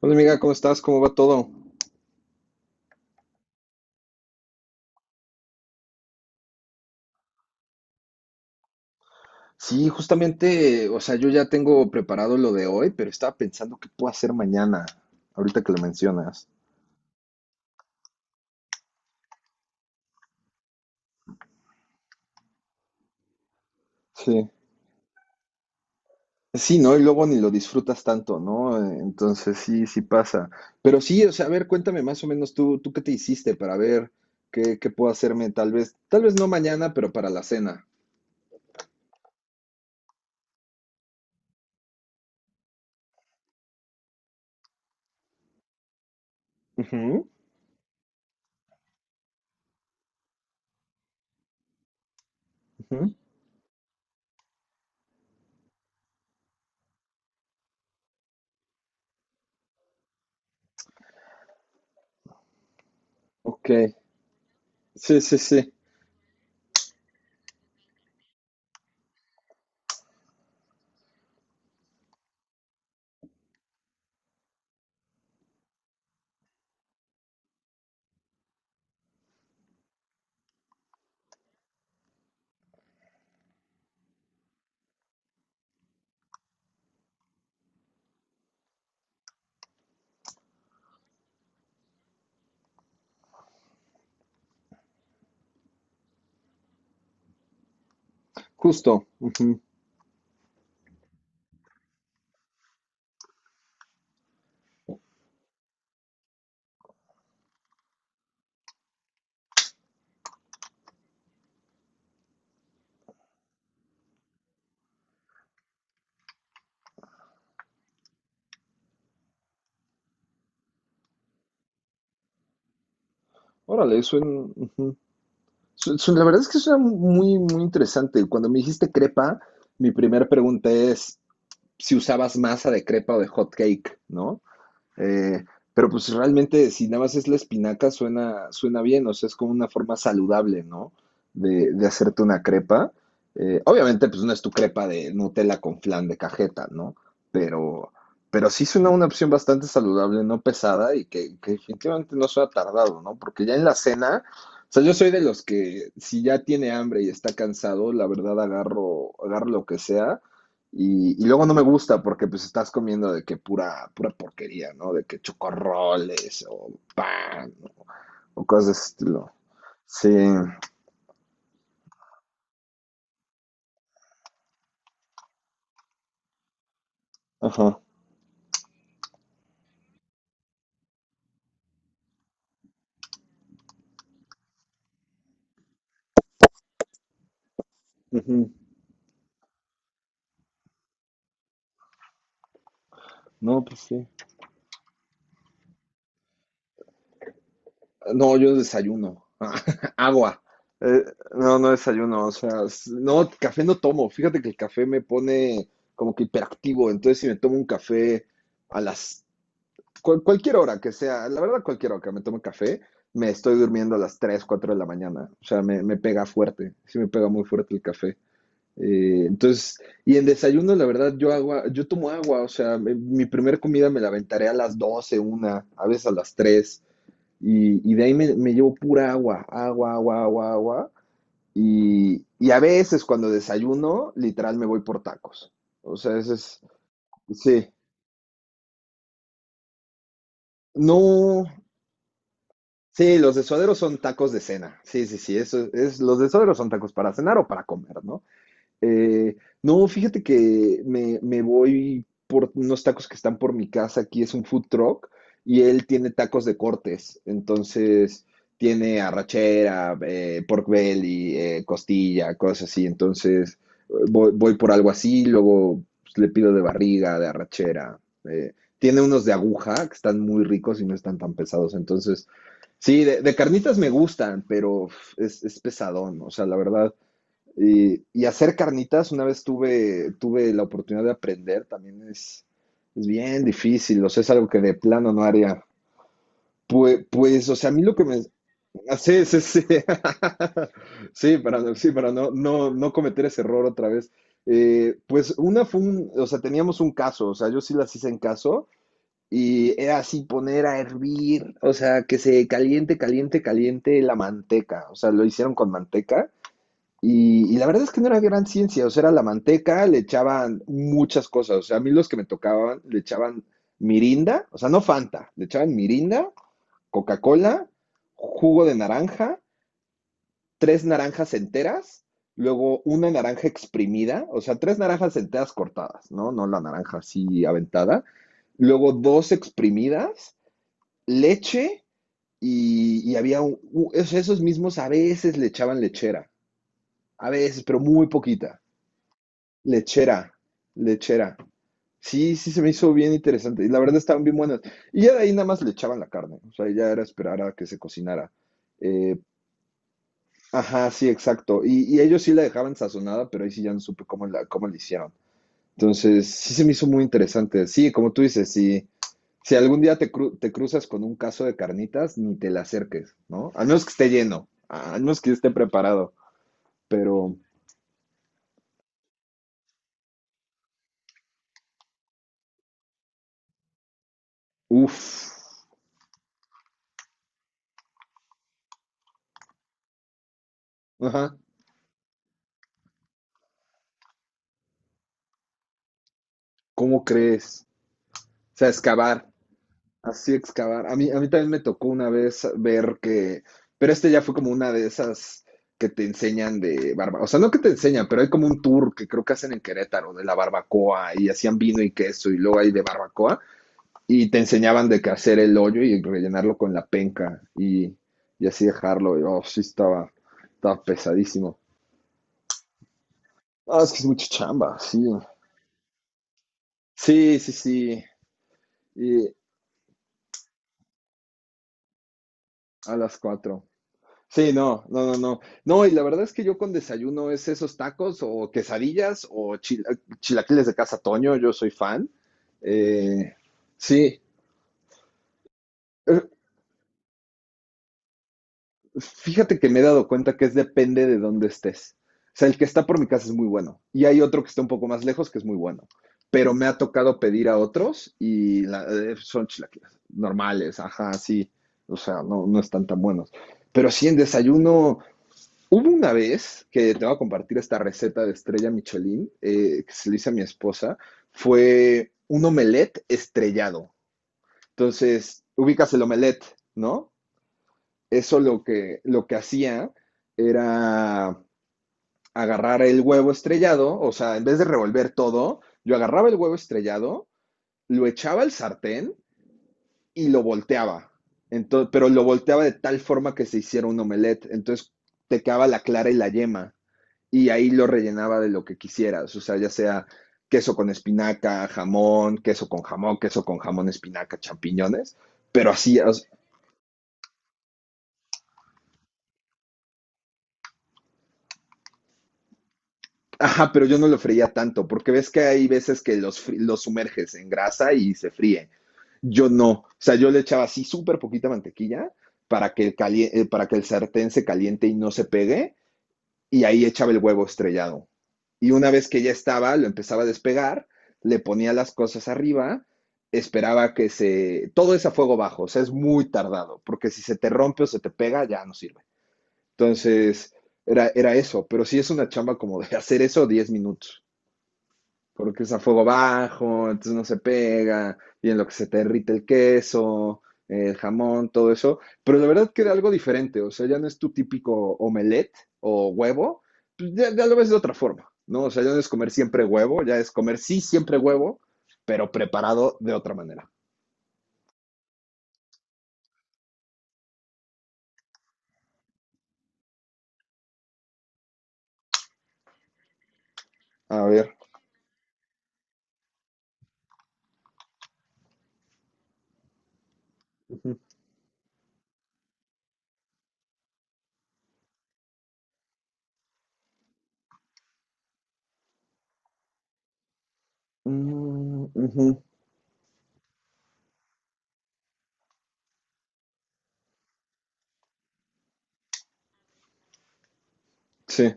Hola amiga, ¿cómo estás? ¿Cómo va todo? Sí, justamente, o sea, yo ya tengo preparado lo de hoy, pero estaba pensando qué puedo hacer mañana, ahorita que lo mencionas. Sí. Sí, ¿no? Y luego ni lo disfrutas tanto, ¿no? Entonces sí, sí pasa. Pero sí, o sea, a ver, cuéntame más o menos tú qué te hiciste para ver qué puedo hacerme tal vez no mañana, pero para la cena. Ujú, ujú. Ok, sí, sí, sí, justo. Ujú. Órale, suena. Ujú. La verdad es que suena muy, muy interesante. Cuando me dijiste crepa, mi primera pregunta es si usabas masa de crepa o de hot cake, ¿no? Eh, pero pues realmente si nada más es la espinaca suena, suena bien, o sea, es como una forma saludable, ¿no? De hacerte una crepa. Obviamente pues no es tu crepa de Nutella con flan de cajeta, ¿no? Pero, pero sí suena una opción bastante saludable, no pesada y que definitivamente no suena tardado, ¿no? Porque ya en la cena, o sea, yo soy de los que si ya tiene hambre y está cansado, la verdad agarro, agarro lo que sea y luego no me gusta porque pues estás comiendo de que pura, pura porquería, ¿no? De que chocorroles o pan o cosas de ese estilo. Sí, ajá. Ujú. No, pues sí. No, yo desayuno. Agua. Eh, no, no desayuno. O sea, no, café no tomo. Fíjate que el café me pone como que hiperactivo. Entonces, si me tomo un café a las cualquier hora que sea, la verdad, cualquier hora que me tome café, me estoy durmiendo a las 3 4 de la mañana. O sea, me pega fuerte, sí me pega muy fuerte el café. Entonces, y en desayuno, la verdad, yo agua, yo tomo agua, o sea, mi primer comida me la aventaré a las 12 una, a veces a las 3 y de ahí me llevo pura agua, agua, agua, agua, agua. Y a veces cuando desayuno, literal me voy por tacos. O sea, ese es, sí. No, Sí, los desoderos son tacos de cena. Sí, sí, sí, eso es, los desoderos son tacos para cenar o para comer, ¿no? Eh, no, fíjate que me voy por unos tacos que están por mi casa, aquí es un food truck y él tiene tacos de cortes, entonces tiene arrachera, pork belly, costilla, cosas así, entonces voy por algo así, luego pues, le pido de barriga, de arrachera, tiene unos de aguja que están muy ricos y no están tan pesados, entonces Sí, de carnitas me gustan, pero uf, es pesadón, o sea, la verdad. Y hacer carnitas, una vez tuve, tuve la oportunidad de aprender, también es bien difícil, o sea, es algo que de plano no haría. Pues, pues, o sea, a mí lo que me... ah, Sí, sí, sí. Sí, para no, no, no cometer ese error otra vez. Pues una fue un, o sea, teníamos un caso, o sea, yo sí las hice en caso y era así poner a hervir, o sea, que se caliente, caliente, caliente la manteca, o sea, lo hicieron con manteca y la verdad es que no era gran ciencia, o sea, era la manteca, le echaban muchas cosas, o sea, a mí los que me tocaban le echaban mirinda, o sea, no Fanta, le echaban mirinda, Coca-Cola, jugo de naranja, tres naranjas enteras, luego una naranja exprimida, o sea, tres naranjas enteras cortadas, ¿no? No la naranja así aventada, luego dos exprimidas, leche y había un- esos mismos a veces le echaban lechera, a veces, pero muy poquita. Lechera, lechera. Sí, sí, se me hizo bien interesante. Y la verdad estaban bien buenas. Y ya de ahí nada más le echaban la carne. O sea, ya era esperar a que se cocinara. Eh, ajá, sí, exacto. Y ellos sí la dejaban sazonada, pero ahí sí ya no supe cómo la hicieron. Entonces, sí se me hizo muy interesante. Sí, como tú dices, sí, Si algún día te, cru- te cruzas con un caso de carnitas, ni te le acerques, ¿no? Al menos que esté lleno, al menos que esté preparado, pero, uff, ajá, ¿cómo crees? O sea, excavar, así excavar. A mí también me tocó una vez ver que, pero este ya fue como una de esas que te enseñan de barba, o sea, no que te enseñan, pero hay como un tour que creo que hacen en Querétaro de la barbacoa y hacían vino y queso y luego hay de barbacoa. Y te enseñaban de que hacer el hoyo y rellenarlo con la penca y así dejarlo. Y, oh, sí, estaba, estaba pesadísimo. Ah, es que es mucha chamba, sí. Sí, sí, sí. Y a las cuatro. Sí, no, no, no, no. No, y la verdad es que yo con desayuno es esos tacos o quesadillas o chilaquiles de Casa Toño, yo soy fan. Eh, sí, Fíjate que me he dado cuenta que es depende de dónde estés. O sea, el que está por mi casa es muy bueno. Y hay otro que está un poco más lejos que es muy bueno. Pero me ha tocado pedir a otros y la- son chilaquiles normales, ajá, sí. O sea, no, no están tan buenos. Pero sí, en desayuno, hubo una vez que te voy a compartir esta receta de estrella Michelin que se le hice a mi esposa. Fue un omelette estrellado. Entonces, ubicas el omelette, ¿no? Eso lo que hacía era agarrar el huevo estrellado, o sea, en vez de revolver todo, yo agarraba el huevo estrellado, lo echaba al sartén y lo volteaba. Entonces, pero lo volteaba de tal forma que se hiciera un omelette. Entonces te quedaba la clara y la yema. Y ahí lo rellenaba de lo que quisieras. O sea, ya sea queso con espinaca, jamón, queso con jamón, queso con jamón, espinaca, champiñones. Pero así, Ajá, pero yo no lo freía tanto, porque ves que hay veces que los sumerges en grasa y se fríen. Yo no. O sea, yo le echaba así súper poquita mantequilla para que el cali- para que el sartén se caliente y no se pegue, y ahí echaba el huevo estrellado. Y una vez que ya estaba, lo empezaba a despegar, le ponía las cosas arriba, esperaba que se... Todo es a fuego bajo, o sea, es muy tardado, porque si se te rompe o se te pega, ya no sirve. Entonces, era eso, pero sí es una chamba como de hacer eso 10 minutos porque usa fuego bajo, entonces no se pega, y en lo que se te derrite el queso, el jamón, todo eso. Pero la verdad que era algo diferente, o sea, ya no es tu típico omelette o huevo, pues ya, ya lo ves de otra forma, ¿no? O sea, ya no es comer siempre huevo, ya es comer sí siempre huevo, pero preparado de otra manera. A ver. Ujú. Mm, ujú. Sí,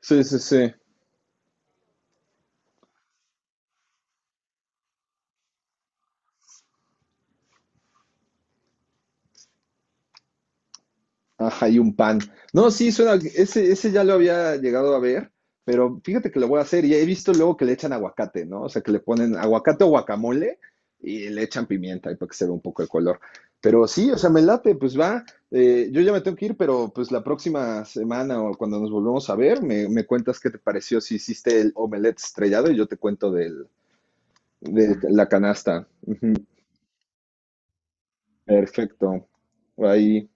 sí, sí, sí. Ajá, y un pan. No, sí, suena, ese ya lo había llegado a ver, pero fíjate que lo voy a hacer y he visto luego que le echan aguacate, ¿no? O sea, que le ponen aguacate o guacamole y le echan pimienta ahí para que se vea un poco el color. Pero sí, o sea, me late, pues va. Yo ya me tengo que ir, pero pues la próxima semana o cuando nos volvamos a ver, me cuentas qué te pareció si hiciste el omelette estrellado y yo te cuento del, de la canasta. Perfecto. Ahí.